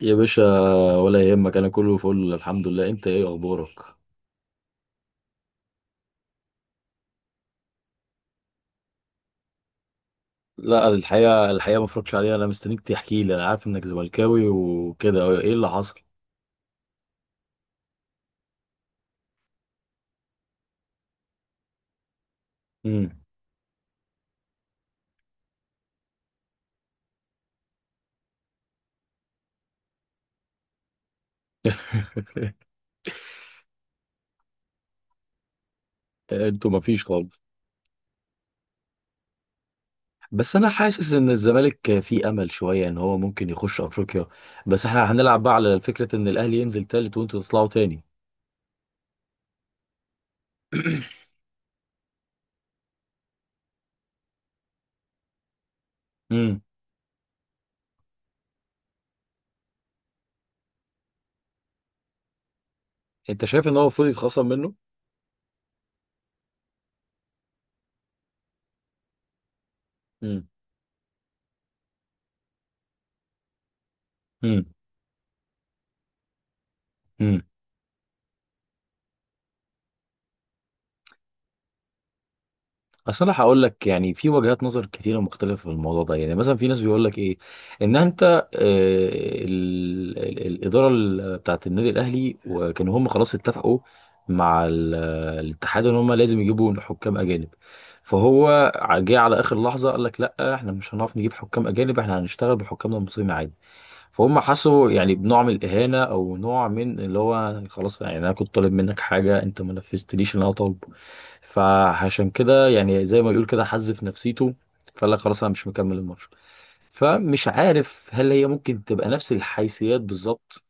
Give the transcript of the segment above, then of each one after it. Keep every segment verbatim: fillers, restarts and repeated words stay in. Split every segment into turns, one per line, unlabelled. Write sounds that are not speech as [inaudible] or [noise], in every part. يا باشا، ولا يهمك. انا كله فل الحمد لله. انت ايه اخبارك؟ لا الحقيقه الحقيقه ما اتفرجتش عليها، انا مستنيك تحكي لي. انا عارف انك زملكاوي وكده، ايه اللي حصل؟ امم [laughs] انتوا ما فيش خالص. بس انا حاسس ان الزمالك فيه امل شويه ان هو ممكن يخش افريقيا. بس احنا هنلعب بقى على فكره ان الاهلي ينزل تالت وانتوا تطلعوا تاني. [clears throat] امم انت شايف ان هو المفروض يتخصم منه؟ امم امم اصل انا هقول لك، يعني في وجهات نظر كتيره مختلفه في الموضوع ده. يعني مثلا في ناس بيقول لك ايه، ان انت آه، ال- ال- الاداره ال- بتاعت النادي الاهلي، وكانوا هم خلاص اتفقوا مع ال- الاتحاد ان هم لازم يجيبوا حكام اجانب. فهو جه على اخر لحظه قال لك لا احنا مش هنعرف نجيب حكام اجانب، احنا هنشتغل بحكامنا المصريين عادي. فهم حسوا يعني بنوع من الاهانه، او نوع من اللي هو خلاص يعني انا كنت طالب منك حاجه انت ما نفذتليش اللي انا طالبه. فعشان كده يعني زي ما يقول كده حز في نفسيته، فقال لك خلاص انا مش مكمل الماتش. فمش عارف هل هي ممكن تبقى نفس الحيثيات بالظبط.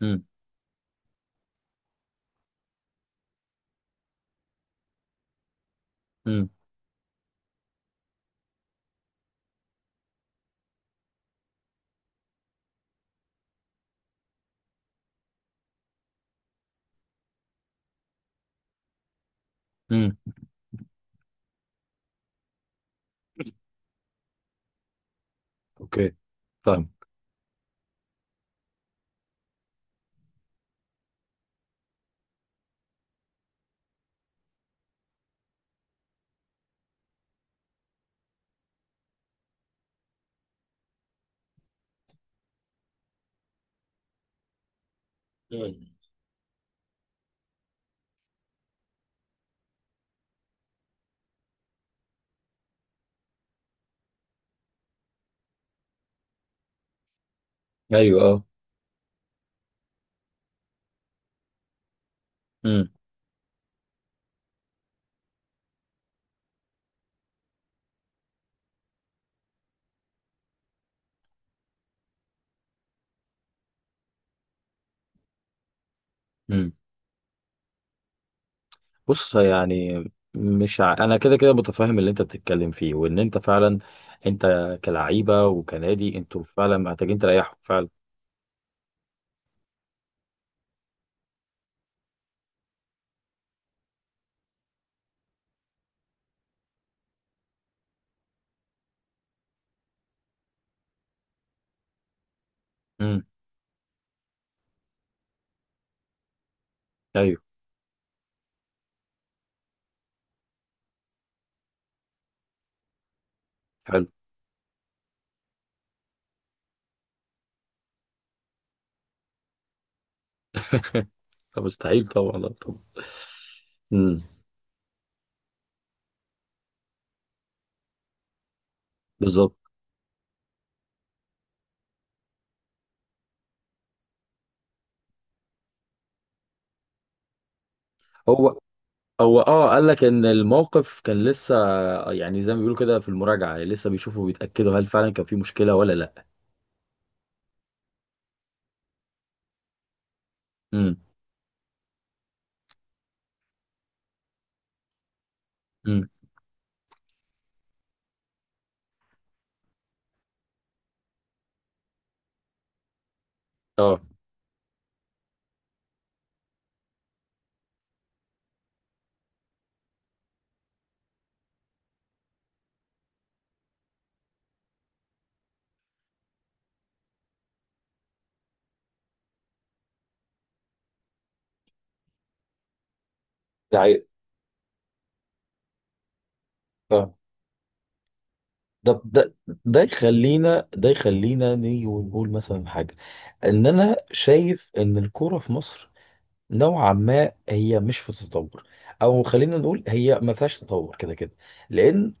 امم امم امم اوكي، فاهم. مم. ايوه اه. امم امم بص يعني، مش ع... انا كده كده متفاهم اللي انت بتتكلم فيه، وان انت فعلا انت كلعيبه وكنادي انتوا فعلا محتاجين تريحوا فعلا. امم ايوه، حلو. [laughs] طب مستحيل طبعا، لا طبعا. امم بالظبط. هو هو اه قال لك ان الموقف كان لسه يعني زي ما بيقولوا كده في المراجعه، لسه بيشوفوا وبيتاكدوا هل فعلا كان في مشكله ولا لا. امم امم اه، ده حقيقي. آه. ده ده ده يخلينا، ده يخلينا نيجي ونقول مثلا حاجة. ان انا شايف ان الكورة في مصر نوعا ما هي مش في تطور، او خلينا نقول هي ما فيهاش تطور كده كده. لان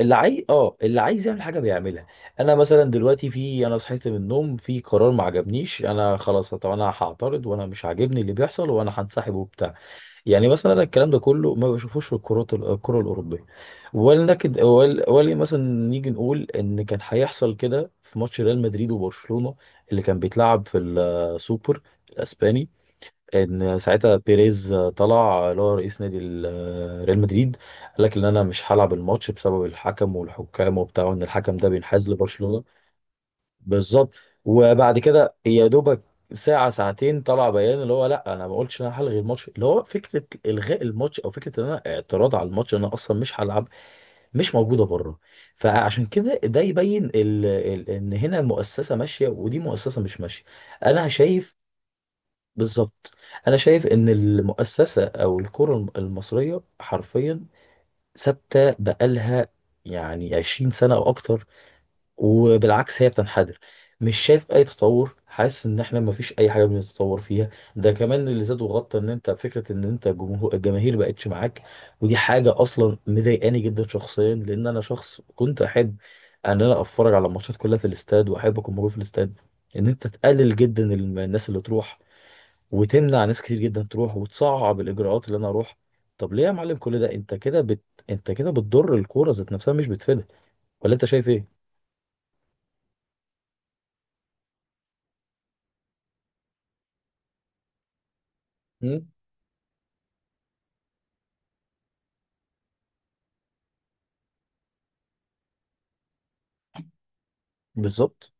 اللي عايز اه اللي عايز يعمل حاجه بيعملها. انا مثلا دلوقتي في، انا صحيت من النوم في قرار ما عجبنيش، انا خلاص طب انا هعترض وانا مش عاجبني اللي بيحصل وانا هنسحب وبتاع. يعني مثلا انا الكلام ده كله ما بشوفوش في الكرات ال- الكره الاوروبيه. ولكن ول- ولكن مثلا، نيجي نقول ان كان هيحصل كده في ماتش ريال مدريد وبرشلونه اللي كان بيتلعب في السوبر الاسباني، ان ساعتها بيريز طلع اللي هو رئيس نادي ال- آه، ريال مدريد قال لك ان انا مش هلعب الماتش بسبب الحكم والحكام وبتاع، وان الحكم ده بينحاز لبرشلونة. بالظبط. وبعد كده يا دوبك ساعة ساعتين طلع بيان اللي هو لا انا ما قلتش ان انا هلغي الماتش. اللي هو فكرة الغاء الماتش او فكرة ان انا اعتراض على الماتش ان انا اصلا مش هلعب، مش موجودة بره. فعشان كده ده يبين ال- ال- ان هنا المؤسسة ماشية ودي مؤسسة مش ماشية، انا شايف. بالظبط. انا شايف ان المؤسسه او الكره الم- المصريه حرفيا ثابته بقالها يعني عشرين سنه او اكتر، وبالعكس هي بتنحدر. مش شايف اي تطور، حاسس ان احنا ما فيش اي حاجه بنتطور فيها. ده كمان اللي زاد وغطى ان انت فكره ان انت جمهور، الجماهير بقتش معاك. ودي حاجه اصلا مضايقاني جدا شخصيا، لان انا شخص كنت احب ان انا اتفرج على الماتشات كلها في الاستاد واحب اكون موجود في الاستاد. ان انت تقلل جدا الم- الناس اللي تروح، وتمنع ناس كتير جدا تروح، وتصعب الاجراءات اللي انا اروح. طب ليه يا معلم كل ده؟ انت كده بت... انت كده بتضر الكوره ذات نفسها مش بتفيدها، ولا انت شايف ايه؟ مم. بالظبط.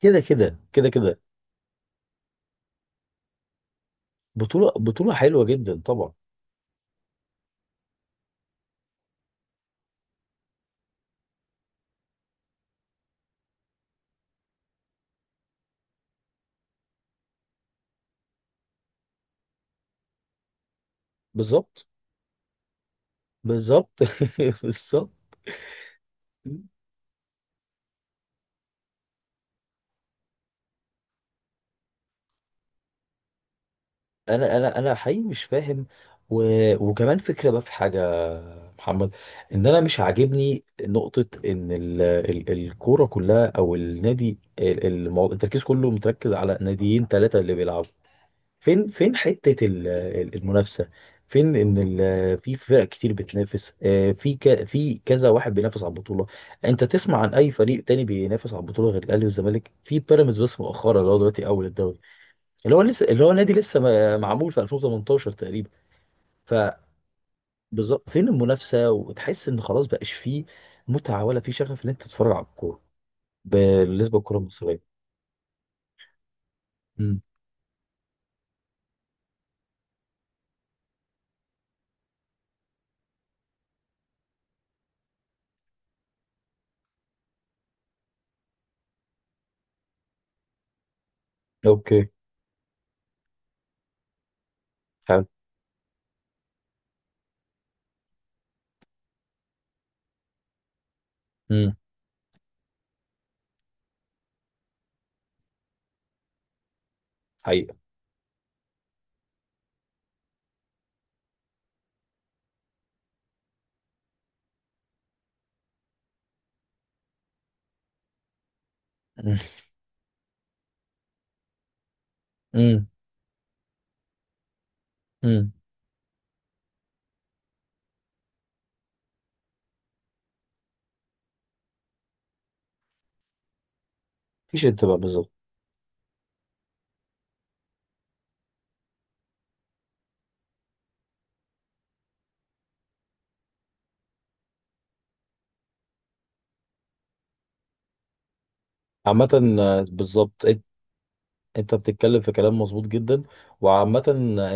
كده كده كده كده. بطوله بطوله حلوه جدا طبعا. بالظبط، بالظبط. [laughs] بالظبط. انا انا انا حقيقي مش فاهم. و... وكمان فكره بقى في حاجه، محمد، ان انا مش عاجبني نقطه ان ال... ال... الكوره كلها او النادي ال- المو... التركيز كله متركز على ناديين ثلاثه اللي بيلعبوا. فين، فين حته ال... ال- المنافسه؟ فين ان ال... في فرق كتير بتنافس، آه، في ك... في كذا واحد بينافس على البطوله؟ انت تسمع عن اي فريق تاني بينافس على البطوله غير الاهلي والزمالك؟ في بيراميدز بس مؤخرا اللي هو دلوقتي اول الدوري، اللي هو لسه اللي هو نادي لسه ما- معمول في الفين وتمنتاشر تقريبا. فبالظبط فين المنافسه؟ وتحس ان خلاص بقاش فيه متعه ولا فيه شغف ان انت تتفرج على الكوره بالنسبه للكوره المصريه. امم اوكي، حلو. امم حقيقه. امم امم مفيش انتباه، بالظبط. عامه، آه، بالظبط. انت بتتكلم في كلام مظبوط جدا. وعامة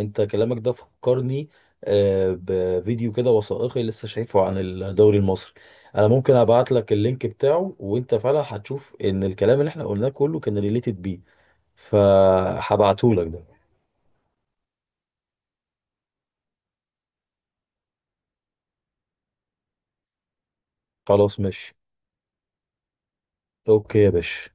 انت كلامك ده فكرني آه، بفيديو كده وثائقي لسه شايفه عن الدوري المصري. انا ممكن ابعت لك اللينك بتاعه، وانت فعلا هتشوف ان الكلام اللي احنا قلناه كله كان ريليتد بيه. فهبعته لك ده. خلاص ماشي، اوكي يا باشا.